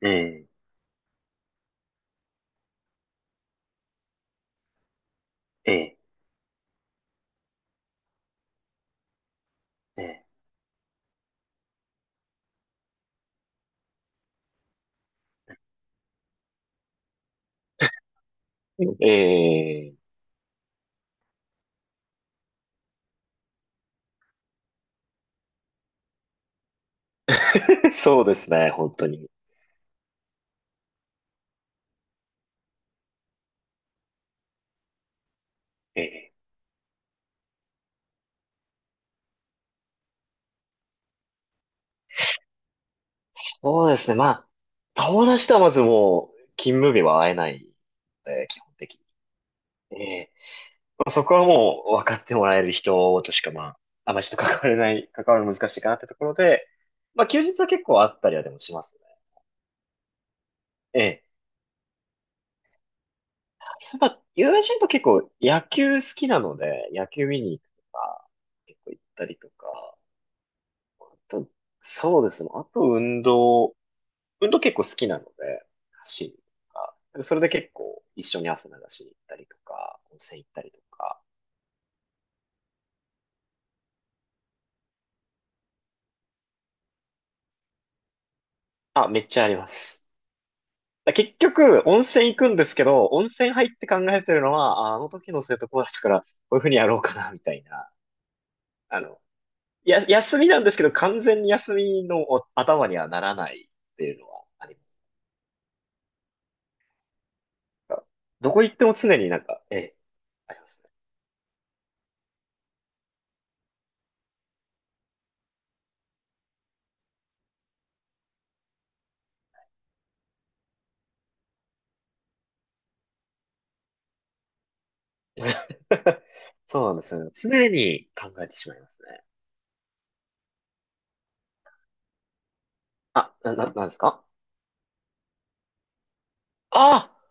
ええ、ええ、ええええ、そうですね、本当に。え、え、そうですね、まあ、友達とはまずもう、勤務日は会えないので、基本的に。ええ、まあそこはもう、分かってもらえる人としか、まあ、あまりちょっと関われない、関わるの難しいかなってところで、まあ、休日は結構あったりはでもしますね。ええ。そういえば、友人と結構野球好きなので、野球見に行くとか、結構行ったりとか、あと、そうですね、あと運動、運動結構好きなので、走るとか、それで結構一緒に汗流しに行ったりとか、温泉行ったりとか、あ、めっちゃあります。結局、温泉行くんですけど、温泉入って考えてるのは、ああの時の生徒こうだったから、こういうふうにやろうかな、みたいな。あの、や、休みなんですけど、完全に休みのお頭にはならないっていうのはあります。どこ行っても常になんか、ええ、ありますね。そうなんですよね。常に考えてしまいますね。あ、なんですか。ああ、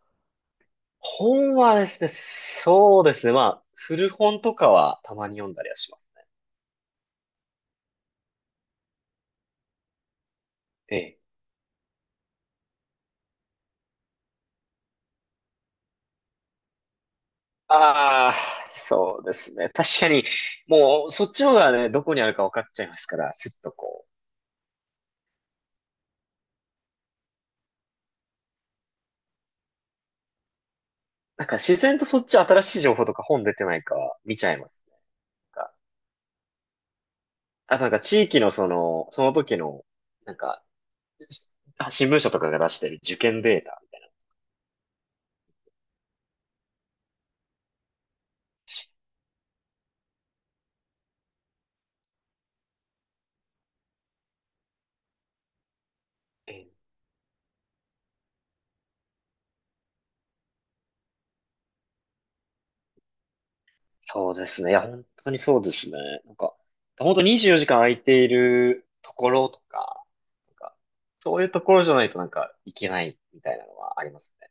本はですね、そうですね。まあ、古本とかはたまに読んだりはしますね。ええ。ああ、そうですね。確かに、もう、そっちの方がね、どこにあるか分かっちゃいますから、すっとこう。なんか自然とそっち新しい情報とか本出てないかは見ちゃいます。なんか、あとなんか地域のその、その時の、なんか、しあ、新聞社とかが出してる受験データみたいな。そうですね。いや、本当にそうですね。なんか、本当24時間空いているところとか、なんか、そういうところじゃないとなんか、いけないみたいなのはありますね。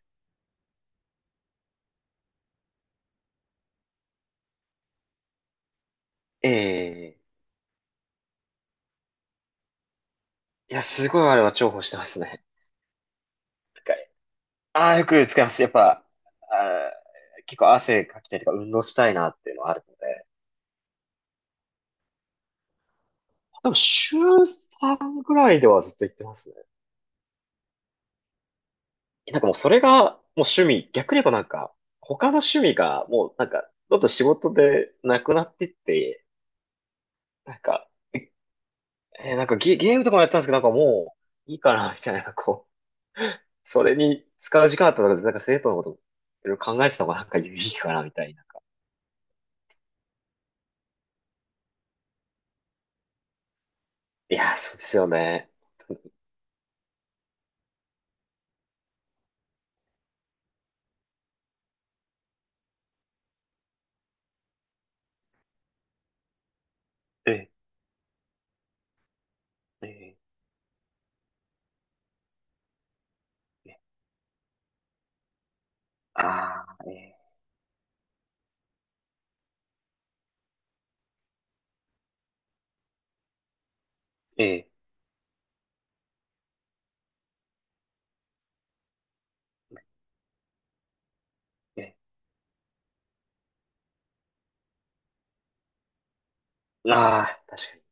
ええ、いや、すごいあれは重宝してますね。なんか、ああ、よく使います。やっぱ、あー結構汗かきたいとか、運動したいなっていうのはあるので。でも、週3ぐらいではずっと行ってますね。なんかもうそれがもう趣味、逆に言えばなんか、他の趣味がもうなんか、どんどん仕事でなくなってって、なんか、なんかゲームとかもやってたんですけど、なんかもういいかな、みたいな、こう、それに使う時間あったら、なんか生徒のこといろいろ考えてた方がなんかいいかな、みたいな。いやー、そうですよね。ええ、ええ、あああ、ええ、ええ、ええ、ああ、確かに。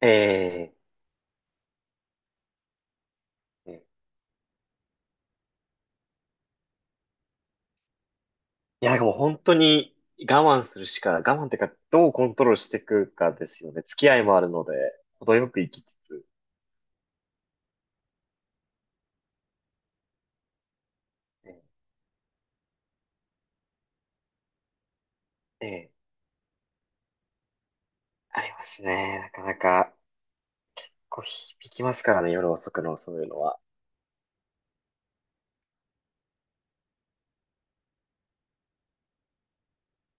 ええ、ええ、いや、もう本当に我慢するしか、我慢っていうか、どうコントロールしていくかですよね。付き合いもあるので、程よく生きつつ。ええ、ええ、ありますね。なかなか、こう、響きますからね、夜遅くのそういうのは。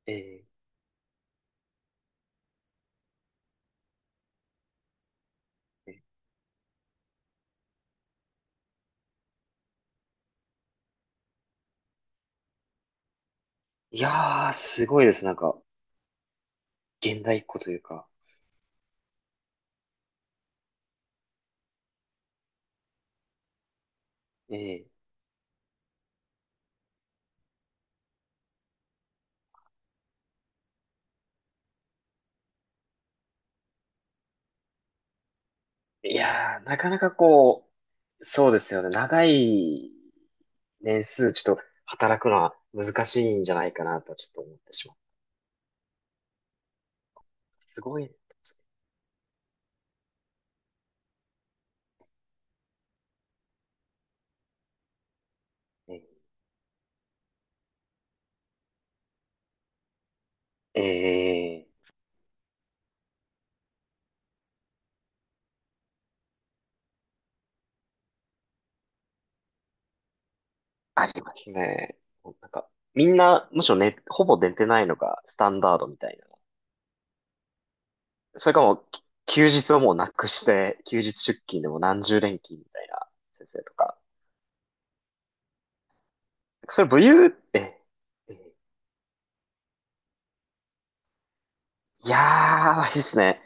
ええ、ええ、いやー、すごいです。なんか、現代っ子というか。ええ、いやー、なかなかこう、そうですよね。長い年数、ちょっと働くのは難しいんじゃないかなと、ちょっと思ってしまう。すごい。ええ、え、ありますね。なんか、みんな、むしろね、ほぼ寝てないのがスタンダードみたいな。それかもう、休日をもうなくして、休日出勤でも何十連勤みたいな先生とか。それ武勇って、え、いやー、いいですね。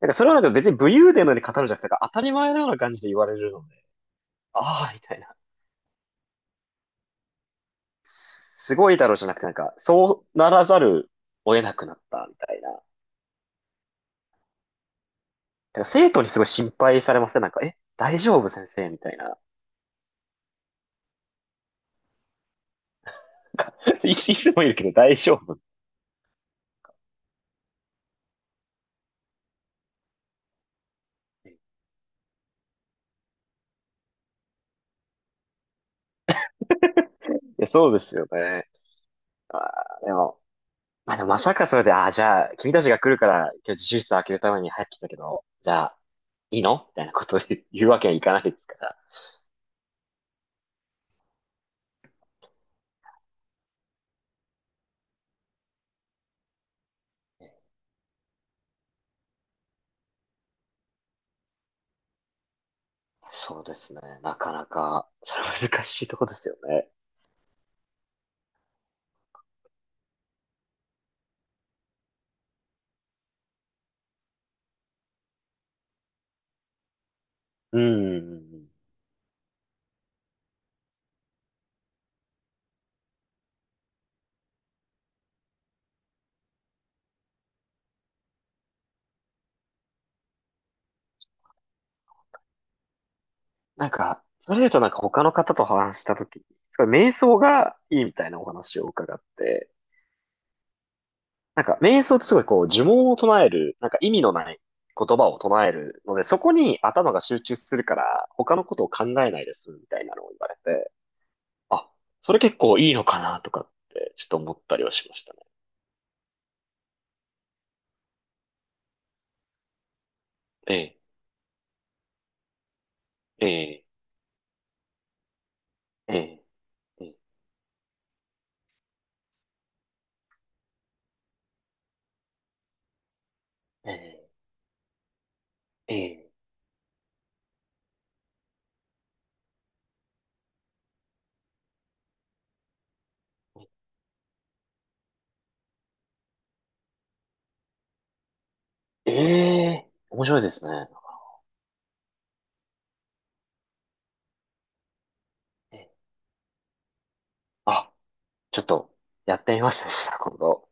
なんかそれはなんか別に武勇伝のように語るんじゃなくて、なんか当たり前のような感じで言われるので、ああ、みたいな。すごいだろうじゃなくて、なんか、そうならざるを得なくなった、みたいな。なんか生徒にすごい心配されません、なんか、え、大丈夫先生みたいな。い つもいるけど大丈夫。いや、そうですよね。あーでも、まあでもまさかそれで、あーじゃあ、君たちが来るから、今日自習室を開けるために入ってきたけど、じゃあ、いいのみたいなことを 言うわけにはいかないですから。そうですね。なかなか、それは難しいとこですよね。うん。なんか、それで言うとなんか他の方と話したとき、すごい瞑想がいいみたいなお話を伺って、なんか、瞑想ってすごいこう、呪文を唱える、なんか意味のない言葉を唱えるので、そこに頭が集中するから、他のことを考えないです、みたいなのを言われて、あ、それ結構いいのかな、とかって、ちょっと思ったりはしましたね。ええ、ええ、ええ、ええ、ええ、ええ、面白いですね。ええ、あ、ちょっと、やってみますねした、今度。